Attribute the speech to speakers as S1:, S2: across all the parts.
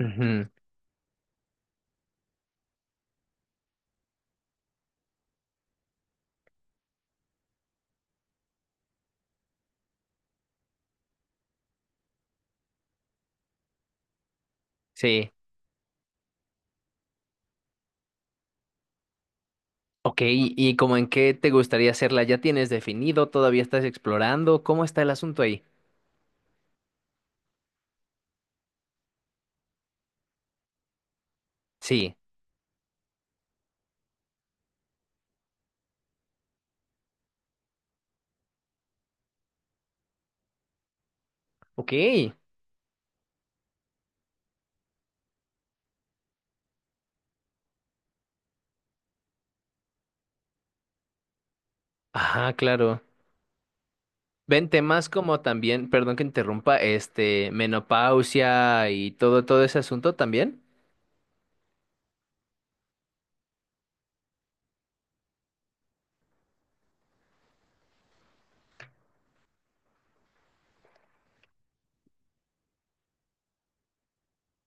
S1: Ujú, Sí. Ok, ¿y como en qué te gustaría hacerla? ¿Ya tienes definido? ¿Todavía estás explorando? ¿Cómo está el asunto ahí? Sí. Ok. Ajá, claro. Ven temas como también, perdón que interrumpa, menopausia y todo ese asunto también.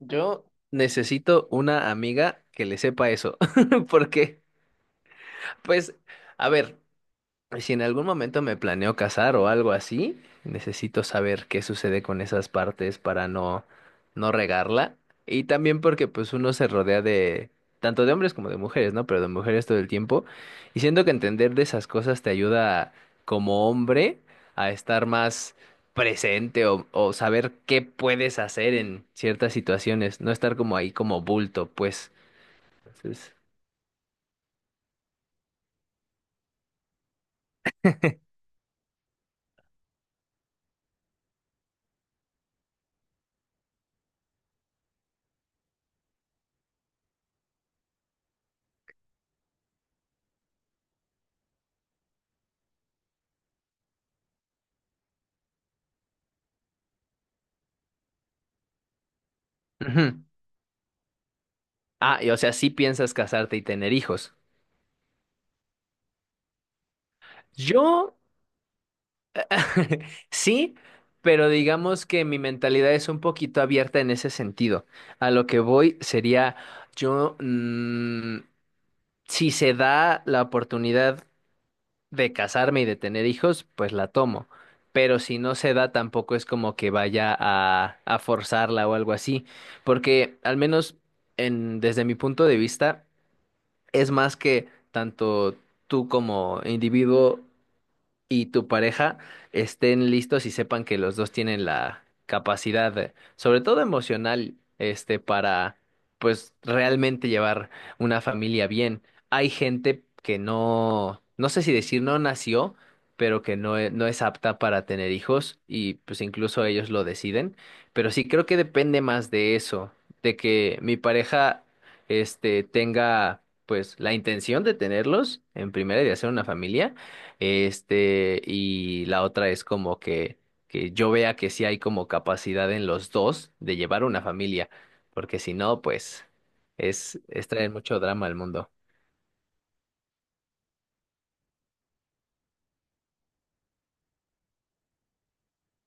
S1: Yo necesito una amiga que le sepa eso, porque, pues, a ver. Si en algún momento me planeo casar o algo así, necesito saber qué sucede con esas partes para no regarla. Y también porque pues uno se rodea de tanto de hombres como de mujeres, ¿no? Pero de mujeres todo el tiempo. Y siento que entender de esas cosas te ayuda como hombre a estar más presente o saber qué puedes hacer en ciertas situaciones, no estar como ahí como bulto, pues. Entonces, ujú. Ah, y o sea, sí piensas casarte y tener hijos. Yo Sí, pero digamos que mi mentalidad es un poquito abierta en ese sentido. A lo que voy sería, yo, si se da la oportunidad de casarme y de tener hijos, pues la tomo. Pero si no se da, tampoco es como que vaya a forzarla o algo así. Porque al menos desde mi punto de vista, es más que tanto tú como individuo y tu pareja estén listos y sepan que los dos tienen la capacidad, sobre todo emocional, para pues realmente llevar una familia bien. Hay gente que no, no sé si decir no nació, pero que no es apta para tener hijos y pues incluso ellos lo deciden. Pero sí creo que depende más de eso, de que mi pareja, tenga pues la intención de tenerlos en primera y de hacer una familia y la otra es como que, yo vea que sí hay como capacidad en los dos de llevar una familia, porque si no, pues es traer mucho drama al mundo.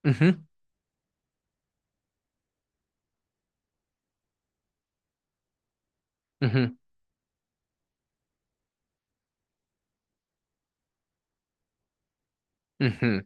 S1: Ujú, ujú, ujú,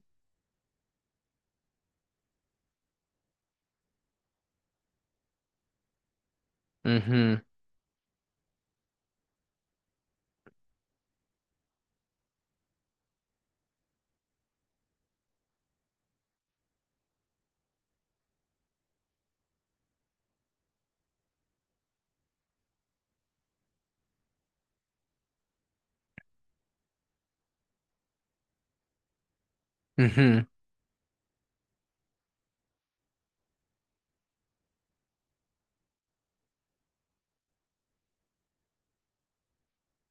S1: ujú, ujú.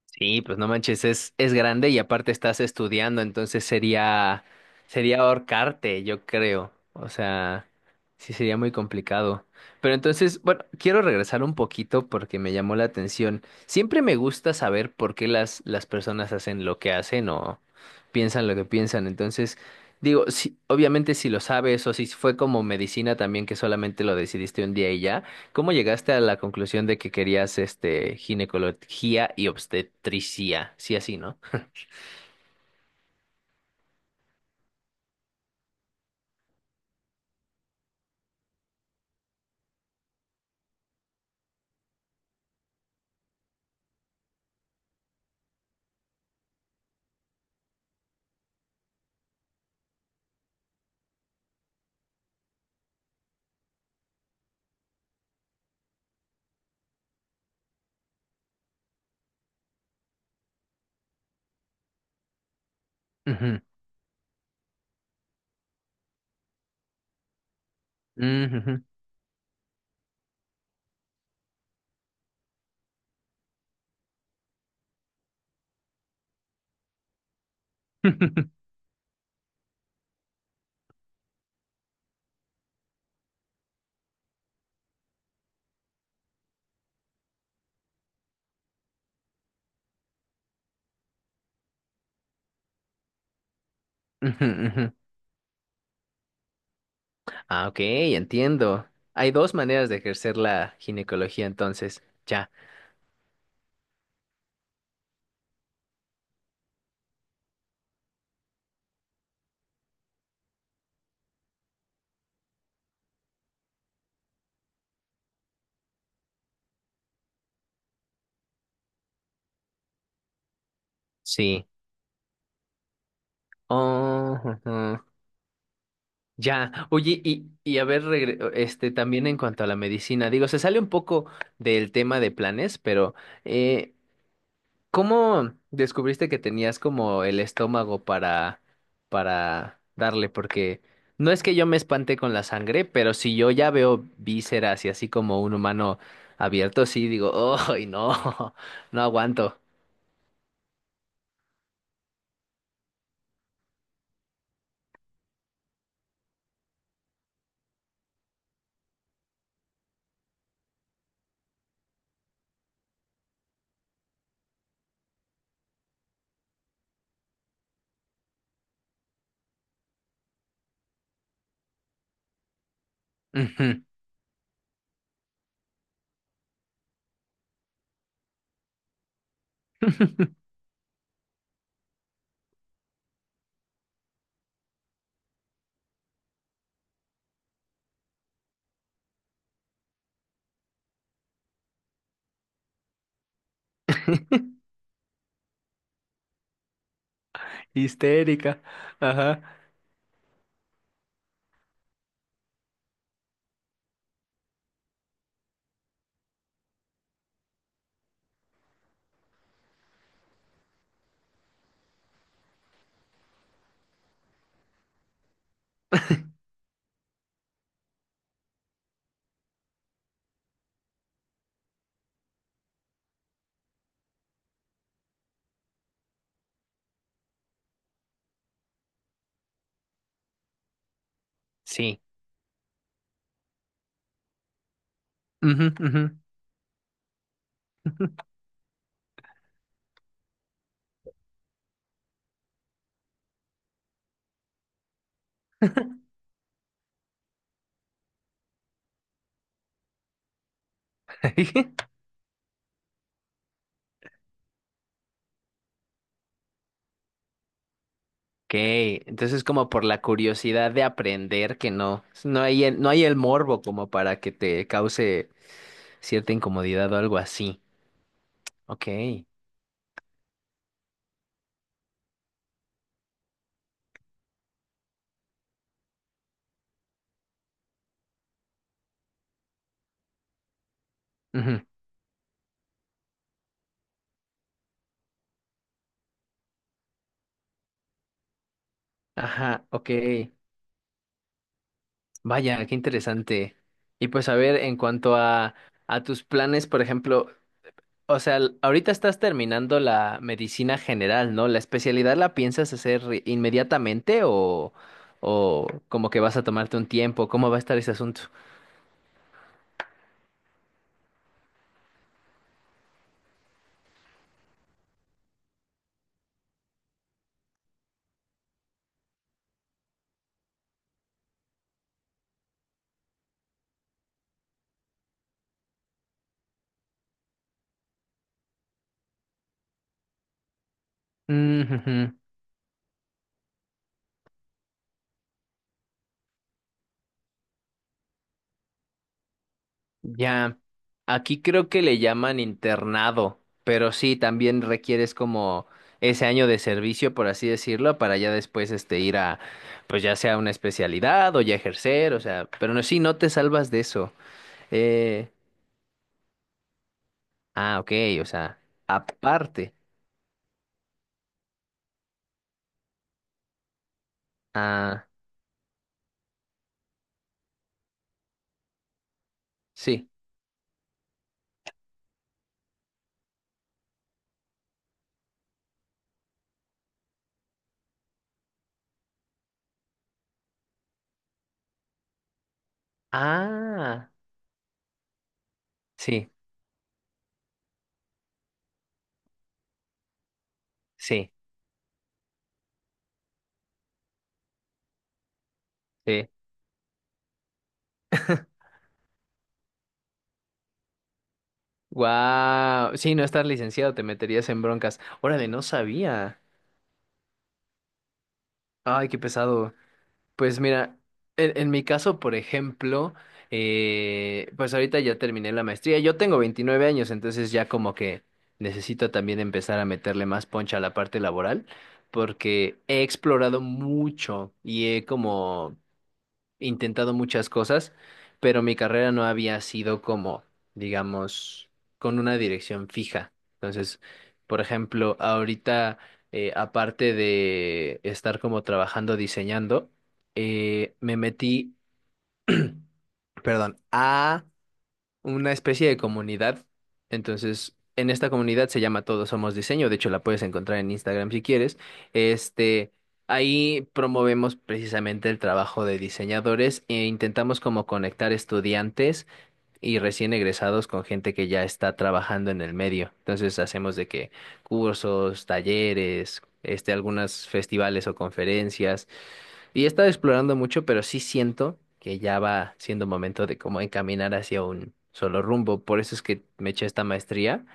S1: Sí, pues no manches, es grande y aparte estás estudiando, entonces sería ahorcarte, yo creo. O sea, sí sería muy complicado. Pero entonces, bueno, quiero regresar un poquito porque me llamó la atención. Siempre me gusta saber por qué las personas hacen lo que hacen o piensan lo que piensan. Entonces, digo, sí, obviamente si lo sabes o si fue como medicina también que solamente lo decidiste un día y ya. ¿Cómo llegaste a la conclusión de que querías ginecología y obstetricia? Sí, así, ¿no? Ujú, ujú, ujú, ujú, ujú. Ah, ok, entiendo. Hay dos maneras de ejercer la ginecología, entonces. Ya, sí. Oh, ujú. Ya. Oye, y a ver, también en cuanto a la medicina, digo, se sale un poco del tema de planes, pero eh, ¿Cómo descubriste que tenías como el estómago para darle? Porque no es que yo me espante con la sangre, pero si yo ya veo vísceras y así como un humano abierto, sí digo, ¡ay, no! No aguanto. Ujú. Histérica. Ajá. Sí. Ujú, ujú. Ok, entonces como por la curiosidad de aprender que no no hay el morbo como para que te cause cierta incomodidad o algo así. Ok. Ujú, Ajá, ok. Vaya, qué interesante. Y pues a ver, en cuanto a tus planes, por ejemplo, o sea, ahorita estás terminando la medicina general, ¿no? ¿La especialidad la piensas hacer inmediatamente o como que vas a tomarte un tiempo? ¿Cómo va a estar ese asunto? Ujú, Ya, aquí creo que le llaman internado, pero sí, también requieres como ese año de servicio, por así decirlo, para ya después ir a, pues ya sea una especialidad o ya ejercer, o sea, pero no, sí, no te salvas de eso. Eh, ah, ok, o sea, aparte, ah, sí, ah, sí, sí, sí. Wow, sí, no estar licenciado, te meterías en broncas. Órale, no sabía. Ay, qué pesado. Pues mira, en mi caso, por ejemplo, pues ahorita ya terminé la maestría. Yo tengo 29 años, entonces ya como que necesito también empezar a meterle más poncha a la parte laboral, porque he explorado mucho y he como intentado muchas cosas, pero mi carrera no había sido como, digamos, con una dirección fija. Entonces, por ejemplo, ahorita, aparte de estar como trabajando diseñando, me metí, perdón, a una especie de comunidad. Entonces, en esta comunidad se llama Todos Somos Diseño. De hecho, la puedes encontrar en Instagram si quieres. Este, ahí promovemos precisamente el trabajo de diseñadores e intentamos como conectar estudiantes y recién egresados con gente que ya está trabajando en el medio. Entonces, hacemos de que cursos, talleres, algunos festivales o conferencias. Y he estado explorando mucho, pero sí siento que ya va siendo momento de cómo encaminar hacia un solo rumbo. Por eso es que me eché esta maestría,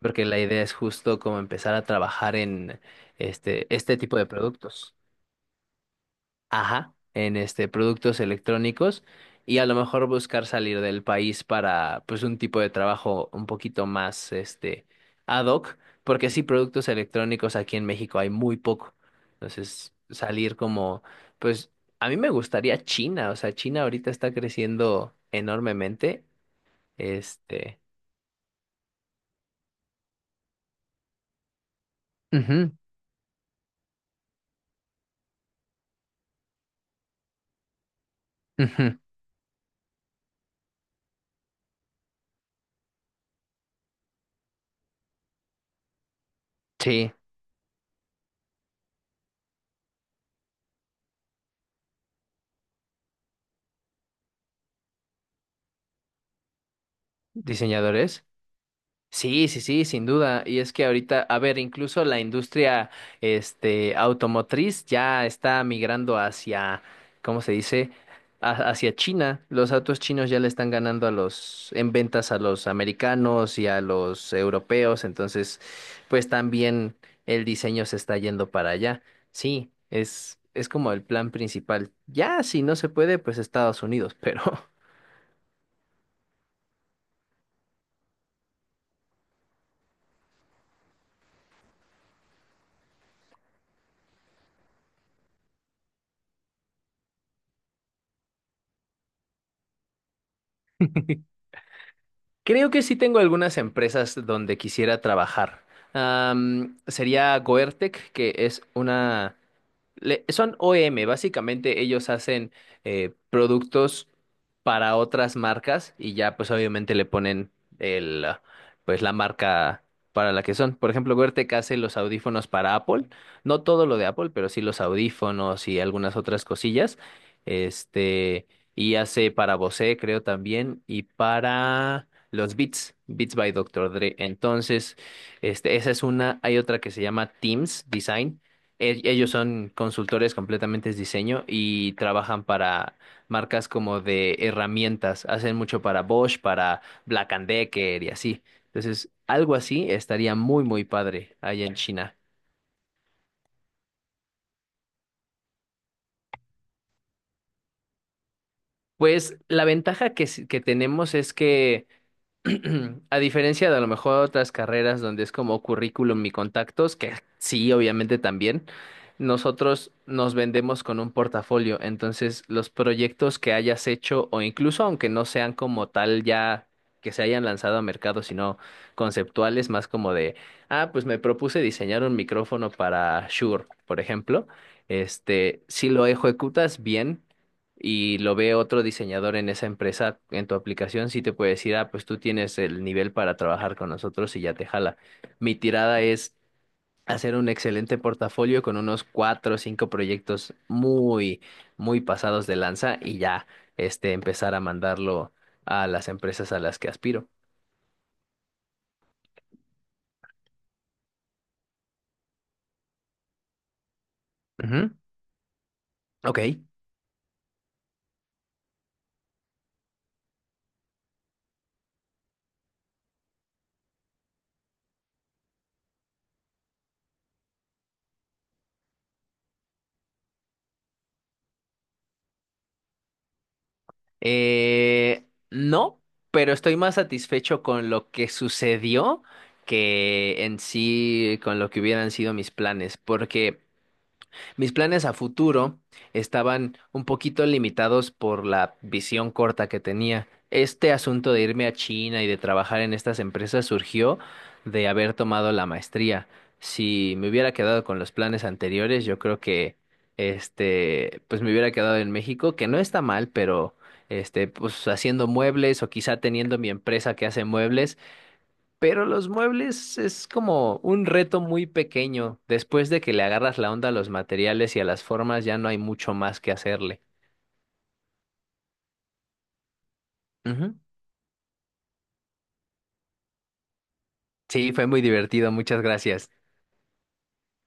S1: porque la idea es justo como empezar a trabajar en este tipo de productos. Ajá, en productos electrónicos y a lo mejor buscar salir del país para pues un tipo de trabajo un poquito más ad hoc, porque sí productos electrónicos aquí en México hay muy poco. Entonces, salir como pues a mí me gustaría China, o sea, China ahorita está creciendo enormemente, este, ujú, ujú, sí, diseñadores. Sí, sí, sí, sin duda. Y es que ahorita, a ver, incluso la industria, automotriz ya está migrando hacia, ¿cómo se dice? Hacia China. Los autos chinos ya le están ganando en ventas a los americanos y a los europeos. Entonces, pues también el diseño se está yendo para allá. Sí, es como el plan principal. Ya, si no se puede, pues Estados Unidos, pero creo que sí tengo algunas empresas donde quisiera trabajar. Sería Goertec, que es una, son OEM, básicamente ellos hacen productos para otras marcas y ya pues obviamente le ponen el ah, pues la marca para la que son. Por ejemplo, Goertek hace los audífonos para Apple, no todo lo de Apple, pero sí los audífonos y algunas otras cosillas. Este, y hace para Bose, creo también, y para los Beats by Dr. Dre. Entonces, esa es una, hay otra que se llama Teams Design ellos son consultores completamente de diseño y trabajan para marcas como de herramientas. Hacen mucho para Bosch, para Black and Decker y así. Entonces, algo así estaría muy, muy padre allá en China. Pues la ventaja que tenemos es que a diferencia de a lo mejor otras carreras donde es como currículum y contactos, que sí, obviamente también, nosotros nos vendemos con un portafolio. Entonces, los proyectos que hayas hecho, o incluso aunque no sean como tal ya que se hayan lanzado a mercado, sino conceptuales, más como de, ah, pues me propuse diseñar un micrófono para Shure, por ejemplo. Si lo ejecutas bien y lo ve otro diseñador en esa empresa, en tu aplicación, sí te puede decir, ah, pues tú tienes el nivel para trabajar con nosotros y ya te jala. Mi tirada es hacer un excelente portafolio con unos cuatro o cinco proyectos muy, muy pasados de lanza y ya, empezar a mandarlo a las empresas a las que aspiro. Ujú. Ok. No, pero estoy más satisfecho con lo que sucedió que en sí con lo que hubieran sido mis planes, porque mis planes a futuro estaban un poquito limitados por la visión corta que tenía. Este asunto de irme a China y de trabajar en estas empresas surgió de haber tomado la maestría. Si me hubiera quedado con los planes anteriores, yo creo que pues me hubiera quedado en México, que no está mal, pero pues haciendo muebles o quizá teniendo mi empresa que hace muebles pero los muebles es como un reto muy pequeño. Después de que le agarras la onda a los materiales y a las formas, ya no hay mucho más que hacerle. Ujú. Sí, fue muy divertido. Muchas gracias.